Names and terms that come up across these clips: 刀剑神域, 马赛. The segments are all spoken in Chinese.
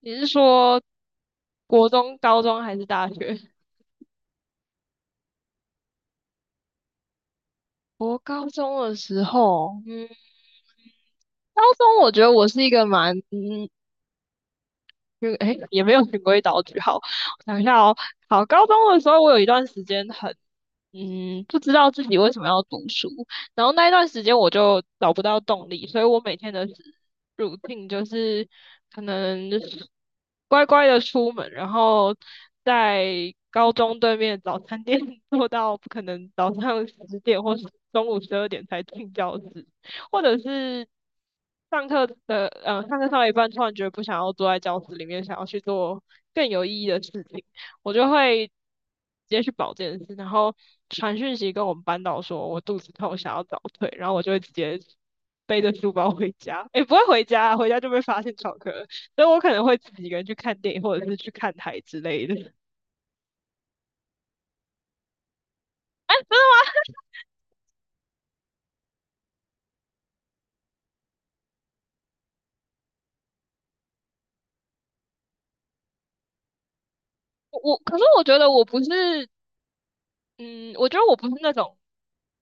你是说国中、高中还是大学？我高中的时候，高中我觉得我是一个蛮嗯就哎，诶也没有循规蹈矩。好，我想一下哦。好，高中的时候，我有一段时间很，不知道自己为什么要读书，然后那一段时间我就找不到动力，所以我每天的 routine 就是可能乖乖的出门，然后在高中对面早餐店 坐到可能早上10点或是中午12点才进教室，或者是上课上到一半，突然觉得不想要坐在教室里面，想要去做更有意义的事情，我就会直接去保健室，然后传讯息跟我们班导说我肚子痛，想要早退，然后我就会直接背着书包回家，也不会回家啊，回家就被发现翘课了。所以我可能会自己一个人去看电影，或者是去看台之类的。哎，真的吗？我可是我觉得我不是，嗯，我觉得我不是那种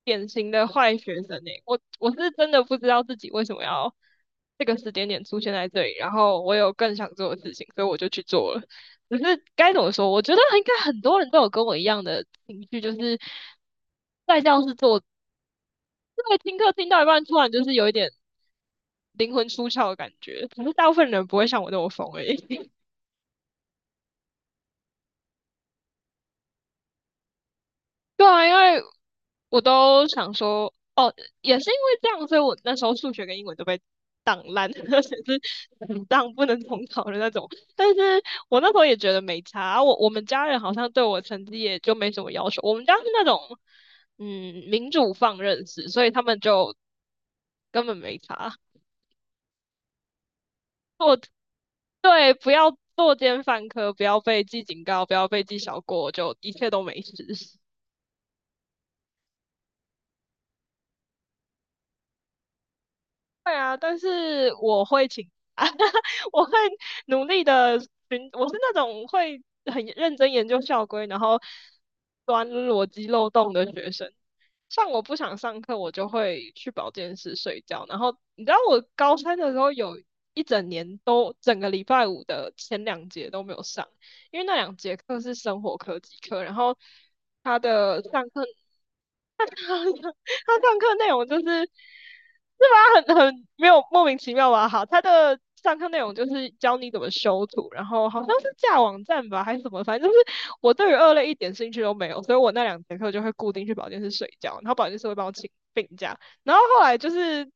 典型的坏学生诶。我是真的不知道自己为什么要这个时间点出现在这里，然后我有更想做的事情，所以我就去做了。可是该怎么说，我觉得应该很多人都有跟我一样的情绪，就是在教室做，对，听课听到一半，突然就是有一点灵魂出窍的感觉。可是大部分人不会像我那么疯而已。对啊，因为我都想说，哦，也是因为这样，所以我那时候数学跟英文都被挡烂，而且是很当不能重考的那种。但是我那时候也觉得没差啊，我们家人好像对我成绩也就没什么要求，我们家是那种民主放任式，所以他们就根本没差。我对，不要作奸犯科，不要被记警告，不要被记小过，就一切都没事。对啊，但是我会请假，我会努力的寻，我是那种会很认真研究校规，然后钻逻辑漏洞的学生。像我不想上课，我就会去保健室睡觉。然后你知道，我高三的时候有一整年都整个礼拜五的前两节都没有上，因为那两节课是生活科技课，然后他的上课上课他上课内容就是，很没有莫名其妙吧？好，他的上课内容就是教你怎么修图，然后好像是架网站吧，还是什么，反正就是我对于二类一点兴趣都没有，所以我那两节课就会固定去保健室睡觉，然后保健室会帮我请病假，然后后来就是。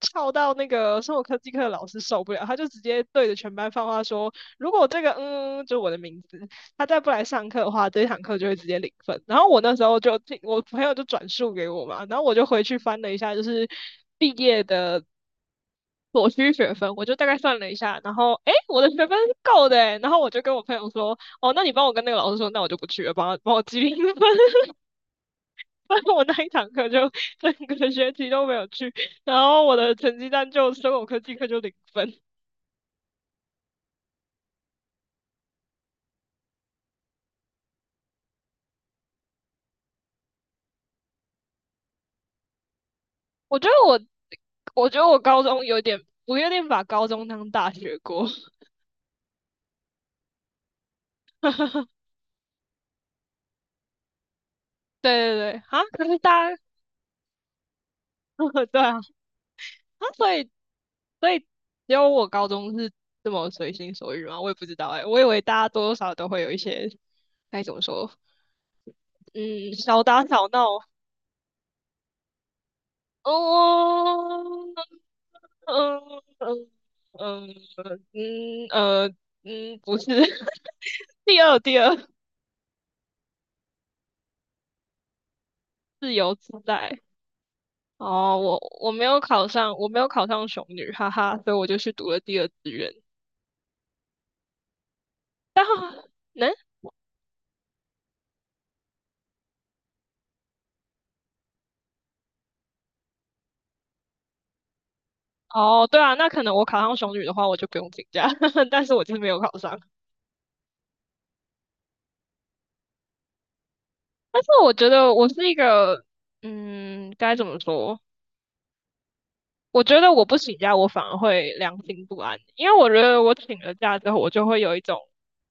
翘到那个生活科技课的老师受不了，他就直接对着全班放话说："如果这个就我的名字，他再不来上课的话，这一堂课就会直接零分。"然后我那时候就听我朋友就转述给我嘛，然后我就回去翻了一下，就是毕业的所需学分，我就大概算了一下，然后哎，我的学分是够的诶，然后我就跟我朋友说，哦，那你帮我跟那个老师说，那我就不去了，帮我记零分，所以 我那一堂课就整个学期都没有去，然后我的成绩单就生物科技课就零分。我觉得我，我觉得我高中有点，我有点把高中当大学过。对对对，啊，可是大家，对啊，啊，所以只有我高中是这么随心所欲吗？我也不知道哎。我以为大家多多少少都会有一些该怎么说，嗯，小打小闹。哦，嗯嗯嗯嗯呃不是，第二自由自在。哦，我没有考上，我没有考上雄女，哈哈，所以我就去读了第二志愿。嗯哦，对啊，那可能我考上雄女的话，我就不用请假，但是我就是没有考上。但是我觉得我是一个，该怎么说？我觉得我不请假，我反而会良心不安，因为我觉得我请了假之后，我就会有一种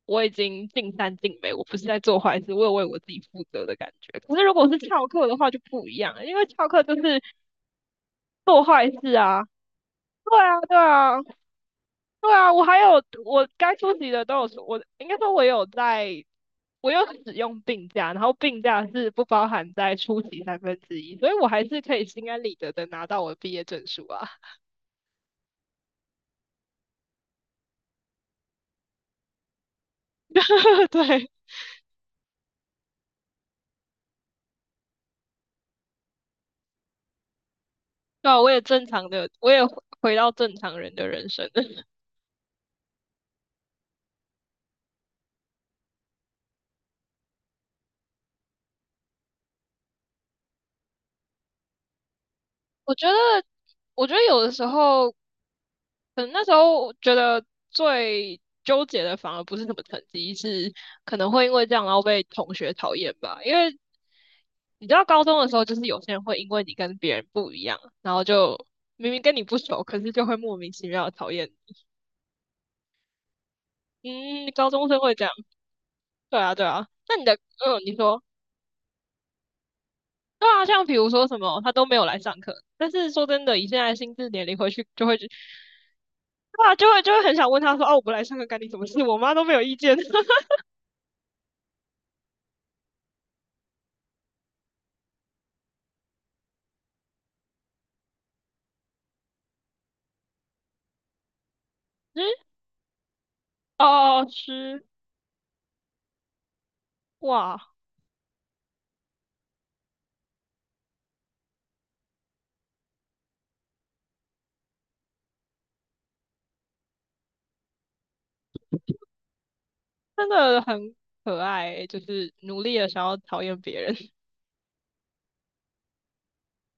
我已经尽善尽美，我不是在做坏事，我有为我自己负责的感觉。可是如果是翘课的话就不一样了，因为翘课就是做坏事啊，对啊，对啊，对啊，我还有我该出席的都有出，我应该说我有在，我有使用病假，然后病假是不包含在出席三分之一，所以我还是可以心安理得的拿到我的毕业证书啊。对，对啊，我也正常的，我也回到正常人的人生。我觉得，我觉得有的时候，可能那时候我觉得最纠结的反而不是什么成绩，是可能会因为这样然后被同学讨厌吧，因为你知道高中的时候，就是有些人会因为你跟别人不一样，然后就明明跟你不熟，可是就会莫名其妙的讨厌你。嗯，高中生会这样。对啊，对啊。那你的，你说，对啊，像比如说什么，他都没有来上课，但是说真的，以现在的心智年龄回去就会觉，对啊，就会很想问他说，哦，我不来上课干你什么事？我妈都没有意见。嗯，哦，吃，哇，真的很可爱欸，就是努力的想要讨厌别人。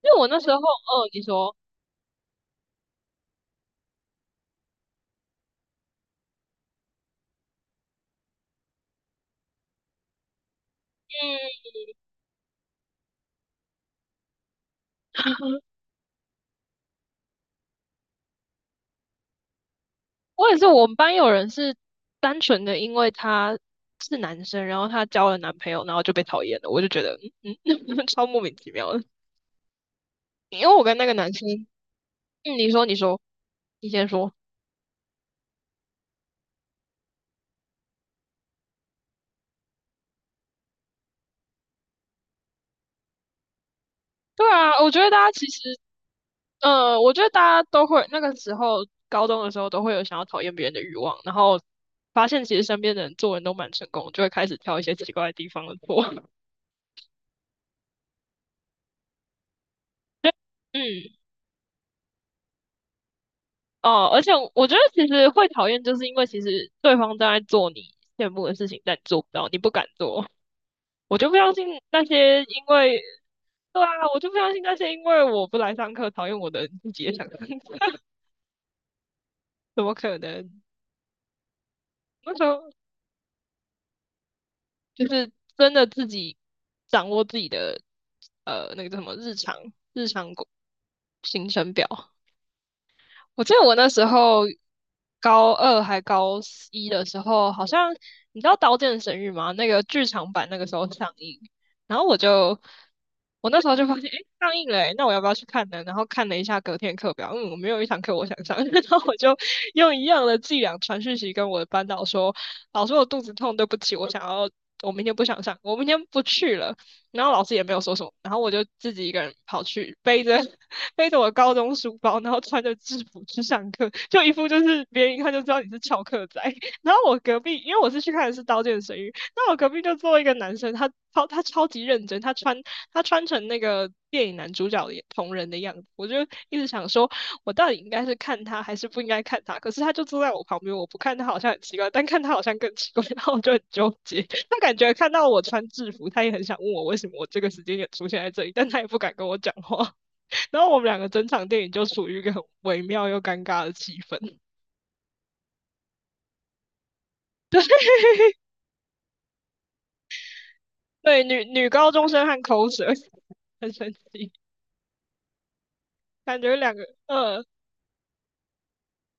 因为我那时候，哦，你说，嗯。我也是，我们班有人是单纯的因为他是男生，然后他交了男朋友，然后就被讨厌了。我就觉得，超莫名其妙的。因为我跟那个男生，嗯，你说，你说，你先说。对啊，我觉得大家都会那个时候高中的时候都会有想要讨厌别人的欲望，然后发现其实身边的人做人都蛮成功，就会开始挑一些奇怪的地方的错。嗯，哦，而且我觉得其实会讨厌，就是因为其实对方正在做你羡慕的事情，但你做不到，你不敢做。我就不相信那些因为对啊，我就不相信那些因为我不来上课讨厌我的人自己也想上课，怎么可能？那时候就是真的自己掌握自己的那个叫什么日常日常工行程表，我记得我那时候高二还高一的时候，好像你知道《刀剑神域》吗？那个剧场版那个时候上映，然后我那时候就发现，诶，上映了诶，那我要不要去看呢？然后看了一下隔天课表，我没有一堂课我想上，然后我就用一样的伎俩传讯息跟我的班导说，老师我肚子痛，对不起，我想要。我明天不想上，我明天不去了。然后老师也没有说什么，然后我就自己一个人跑去背着我高中书包，然后穿着制服去上课，就一副就是别人一看就知道你是翘课仔。然后我隔壁，因为我是去看的是《刀剑神域》，那我隔壁就坐一个男生，他超级认真，他穿成那个电影男主角的同人的样子，我就一直想说，我到底应该是看他还是不应该看他？可是他就坐在我旁边，我不看他好像很奇怪，但看他好像更奇怪，然后我就很纠结。他感觉看到我穿制服，他也很想问我为什么我这个时间也出现在这里，但他也不敢跟我讲话。然后我们两个整场电影就处于一个很微妙又尴尬的气氛。对，女高中生和口舌 很神奇，感觉两个呃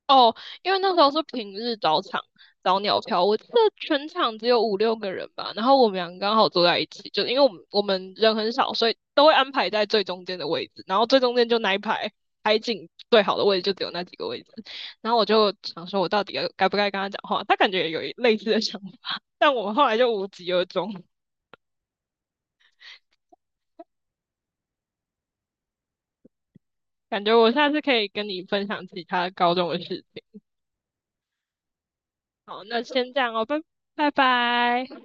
哦，因为那时候是平日早场早鸟票，我记得全场只有5、6个人吧，然后我们两个刚好坐在一起，就因为我们人很少，所以都会安排在最中间的位置，然后最中间就那一排海景最好的位置就只有那几个位置，然后我就想说，我到底不该跟他讲话？他感觉有一类似的想法，但我们后来就无疾而终。感觉我下次可以跟你分享其他高中的事。好，那先这样哦，拜拜。